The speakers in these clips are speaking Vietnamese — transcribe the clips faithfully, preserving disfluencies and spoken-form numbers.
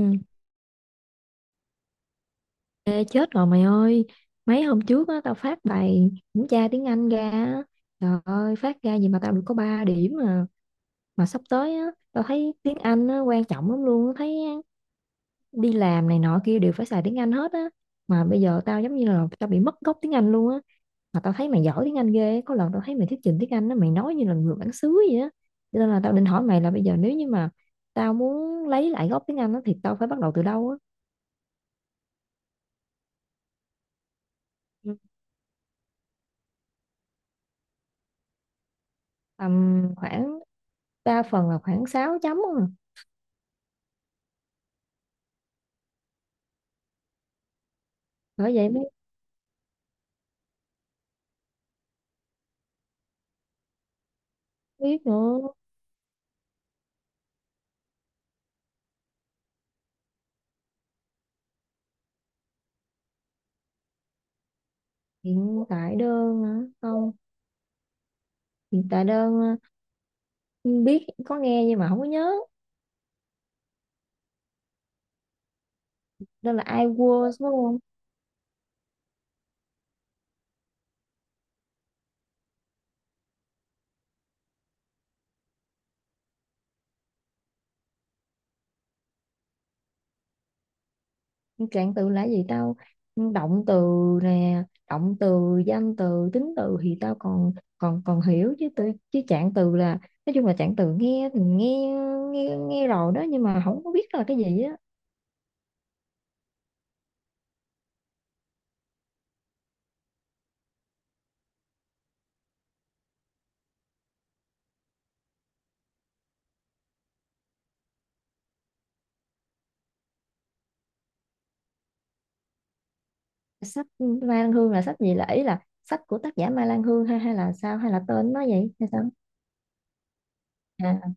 Ừ, ê, chết rồi mày ơi, mấy hôm trước á tao phát bài kiểm tra tiếng Anh ra á. Trời ơi, phát ra gì mà tao được có ba điểm mà, mà sắp tới á tao thấy tiếng Anh á, quan trọng lắm luôn thấy, đi làm này nọ kia đều phải xài tiếng Anh hết á, mà bây giờ tao giống như là tao bị mất gốc tiếng Anh luôn á. Mà tao thấy mày giỏi tiếng Anh ghê á. Có lần tao thấy mày thuyết trình tiếng Anh á, mày nói như là người bản xứ vậy á, cho nên là tao định hỏi mày là bây giờ nếu như mà tao muốn lấy lại gốc tiếng Anh á thì tao phải bắt đầu từ đâu á? Ừ. Tầm khoảng, đa phần là khoảng sáu chấm à. Bởi vậy mới biết nữa. Hiện tại đơn hả? Không. Hiện tại đơn à, biết, có nghe nhưng mà không có nhớ. Đó là I was đúng không? Trạng từ là gì tao, động từ nè, động từ, danh từ, tính từ thì tao còn còn còn hiểu, chứ từ, chứ trạng từ là, nói chung là trạng từ nghe thì nghe, nghe nghe rồi đó nhưng mà không có biết là cái gì á. Sách Mai Lan Hương là sách gì, là ý là sách của tác giả Mai Lan Hương hay, hay là sao, hay là tên nó vậy hay sao? À.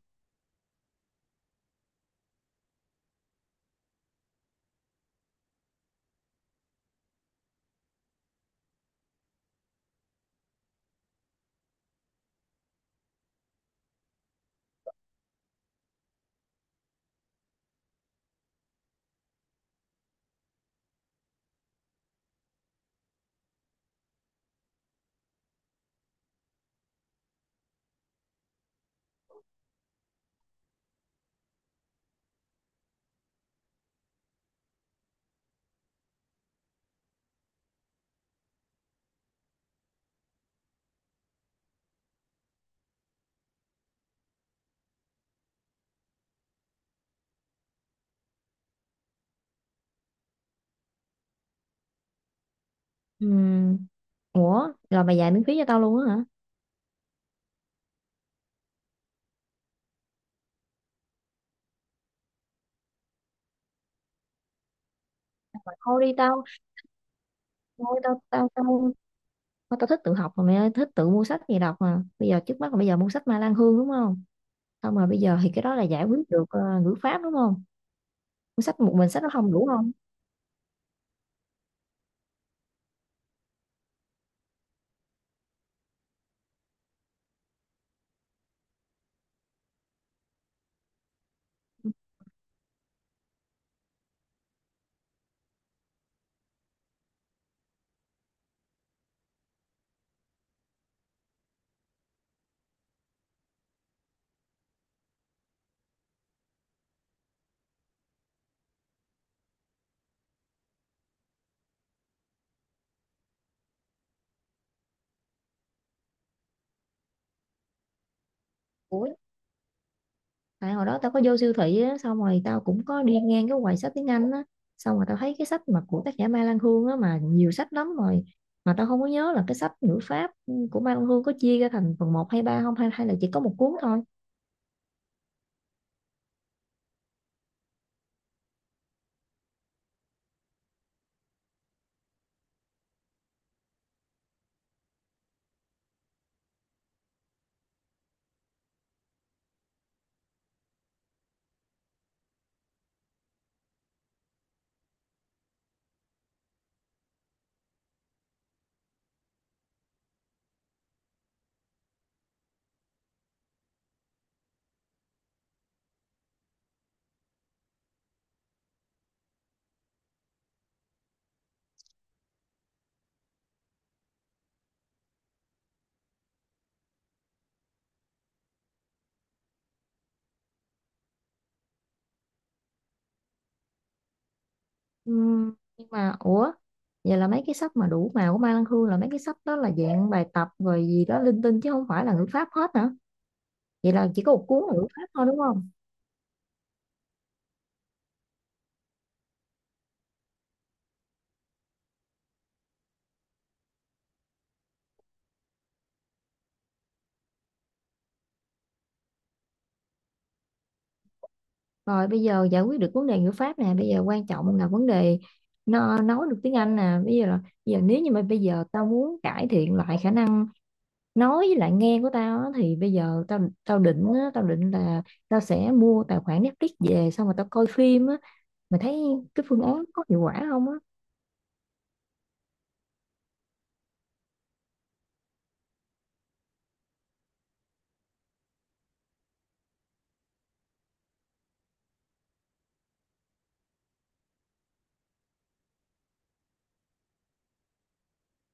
Ừ. Ủa, rồi mày dạy miễn phí cho tao luôn á hả? Mà thôi đi tao, thôi tao tao tao, thôi tao thích tự học mà, mày thích tự mua sách gì đọc mà. Bây giờ trước mắt là bây giờ mua sách Ma Lan Hương đúng không? Không, mà bây giờ thì cái đó là giải quyết được ờ, ngữ pháp đúng không? Mua sách, một mình sách nó không đủ không? Ủa, tại hồi đó tao có vô siêu thị á, xong rồi tao cũng có đi ngang cái quầy sách tiếng Anh á, xong rồi tao thấy cái sách mà của tác giả Ma Lan Hương á mà nhiều sách lắm rồi. Mà tao không có nhớ là cái sách ngữ pháp ừ, của Ma Lan Hương có chia ra thành phần một hay ba không, hay hay là chỉ có một cuốn thôi. Ừm, nhưng mà ủa, vậy là mấy cái sách mà đủ màu của Mai Lan Hương, là mấy cái sách đó là dạng bài tập rồi gì đó linh tinh chứ không phải là ngữ pháp hết hả? Vậy là chỉ có một cuốn là ngữ pháp thôi đúng không? Rồi bây giờ giải quyết được vấn đề ngữ pháp nè, bây giờ quan trọng là vấn đề nó nói được tiếng Anh nè. Bây giờ là, bây giờ nếu như mà bây giờ tao muốn cải thiện lại khả năng nói với lại nghe của tao á, thì bây giờ tao tao định á, tao định là tao sẽ mua tài khoản Netflix về xong rồi tao coi phim á. Mày thấy cái phương án có hiệu quả không á?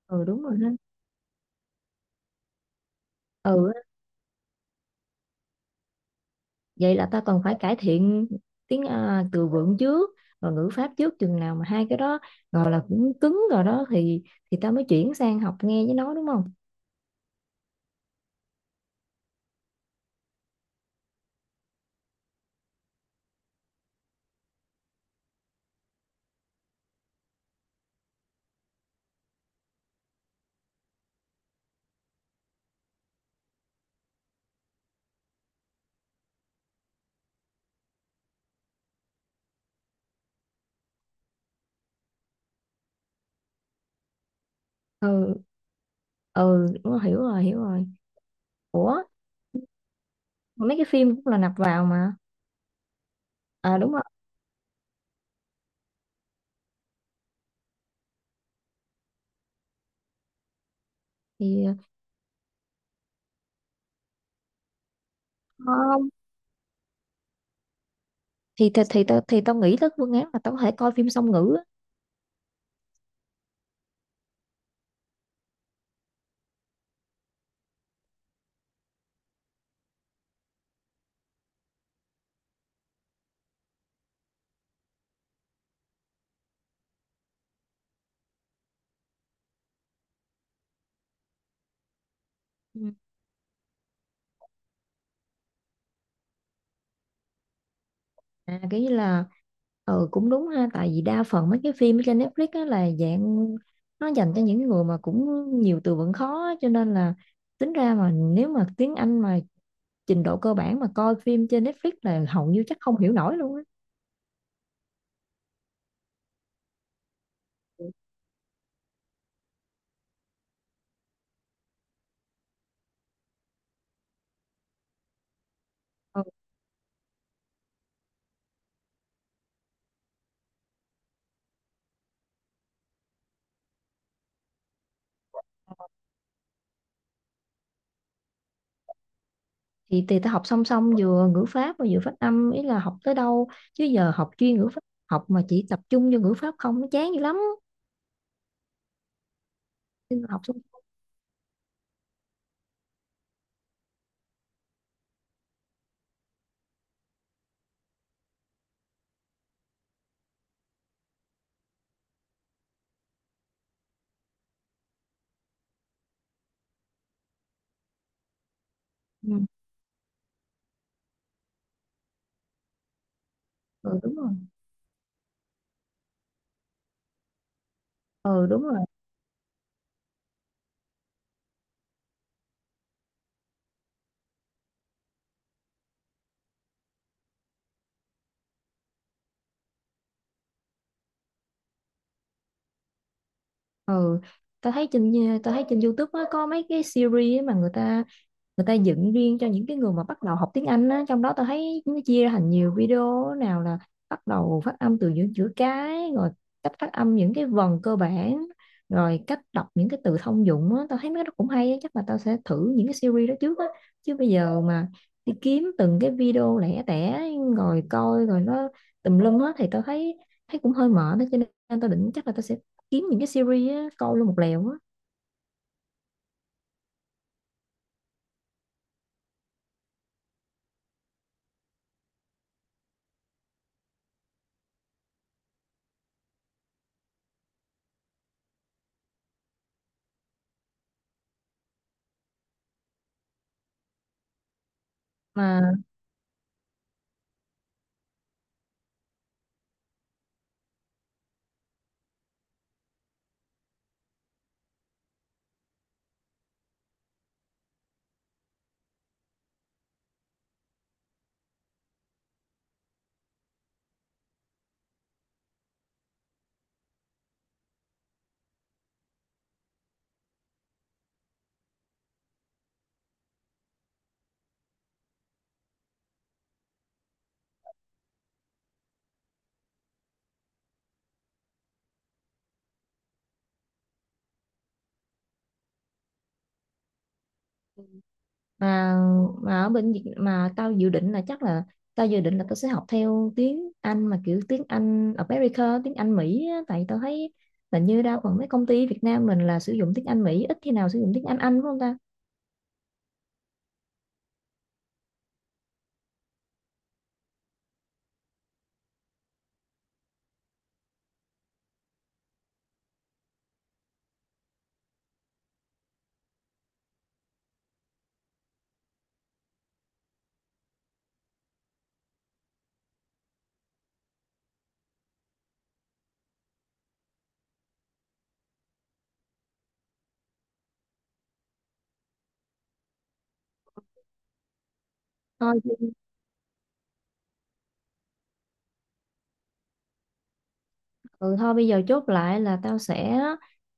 Ừ đúng rồi ha. Ừ á, vậy là ta còn phải cải thiện tiếng, à, từ vựng trước và ngữ pháp trước, chừng nào mà hai cái đó gọi là cũng cứng rồi đó thì thì ta mới chuyển sang học nghe với nói đúng không? Ừ. Ừ đúng rồi, hiểu rồi hiểu rồi. Ủa, mấy cái phim cũng là nạp vào mà. À đúng rồi. thì Không, thì thì thì, tao- thì, tao nghĩ tới phương án là tao có thể coi phim song ngữ á. Ừ. À, cái như là, ừ cũng đúng ha, tại vì đa phần mấy cái phim ở trên Netflix á là dạng nó dành cho những người mà cũng nhiều từ vựng khó á, cho nên là tính ra mà nếu mà tiếng Anh mà trình độ cơ bản mà coi phim trên Netflix là hầu như chắc không hiểu nổi luôn á. Ừ. thì thì ta học song song vừa ngữ pháp mà vừa phát âm, ý là học tới đâu, chứ giờ học chuyên ngữ pháp, học mà chỉ tập trung vô ngữ pháp không nó chán dữ lắm. Nên là học song. Ừ. Ừ đúng rồi. Ừ đúng rồi. Ừ, tao thấy trên, tao thấy trên YouTube á, có mấy cái series á mà người ta, người ta dựng riêng cho những cái người mà bắt đầu học tiếng Anh á, trong đó tôi thấy nó chia ra thành nhiều video, nào là bắt đầu phát âm từ những chữ cái, rồi cách phát âm những cái vần cơ bản, rồi cách đọc những cái từ thông dụng á. Tao thấy mấy cái đó cũng hay á, chắc là tao sẽ thử những cái series đó trước á, chứ bây giờ mà đi kiếm từng cái video lẻ tẻ rồi coi rồi nó tùm lum hết thì tao thấy, thấy cũng hơi mệt đó, cho nên tao định chắc là tao sẽ kiếm những cái series á, coi luôn một lèo á. Mà mà mà ở bên Việt mà tao dự định là chắc là, tao dự định là tao sẽ học theo tiếng Anh mà kiểu tiếng Anh America, tiếng Anh Mỹ á. Tại tao thấy là như đa phần mấy công ty Việt Nam mình là sử dụng tiếng Anh Mỹ, ít khi nào sử dụng tiếng Anh Anh phải không ta? Thôi thì- ừ, thôi bây giờ chốt lại là tao sẽ,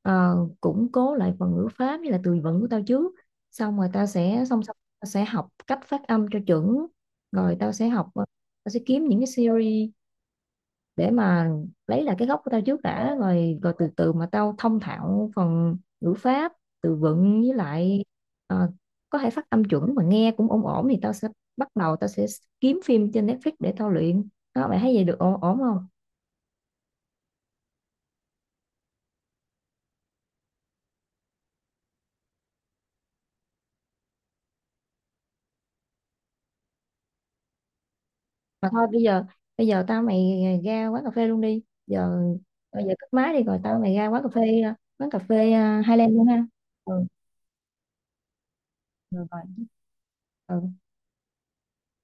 ờ, củng cố lại phần ngữ pháp với là từ vựng của tao trước, xong rồi tao sẽ song song tao sẽ học cách phát âm cho chuẩn, rồi tao sẽ học ờ, tao sẽ kiếm những cái series để mà lấy lại cái gốc của tao trước đã, rồi rồi từ từ mà tao thông thạo phần ngữ pháp, từ vựng với lại, ờ, có thể phát âm chuẩn mà nghe cũng ổn ổn thì tao sẽ bắt đầu, tao sẽ kiếm phim trên Netflix để tao luyện. Đó mày thấy vậy được ổn ổn không? Mà thôi bây giờ, bây giờ tao mày ra quán cà phê luôn đi. Giờ bây giờ cất máy đi rồi tao mày ra quán cà phê, quán cà phê, uh, Highland luôn ha. Ừ. Rồi, rồi. Ừ.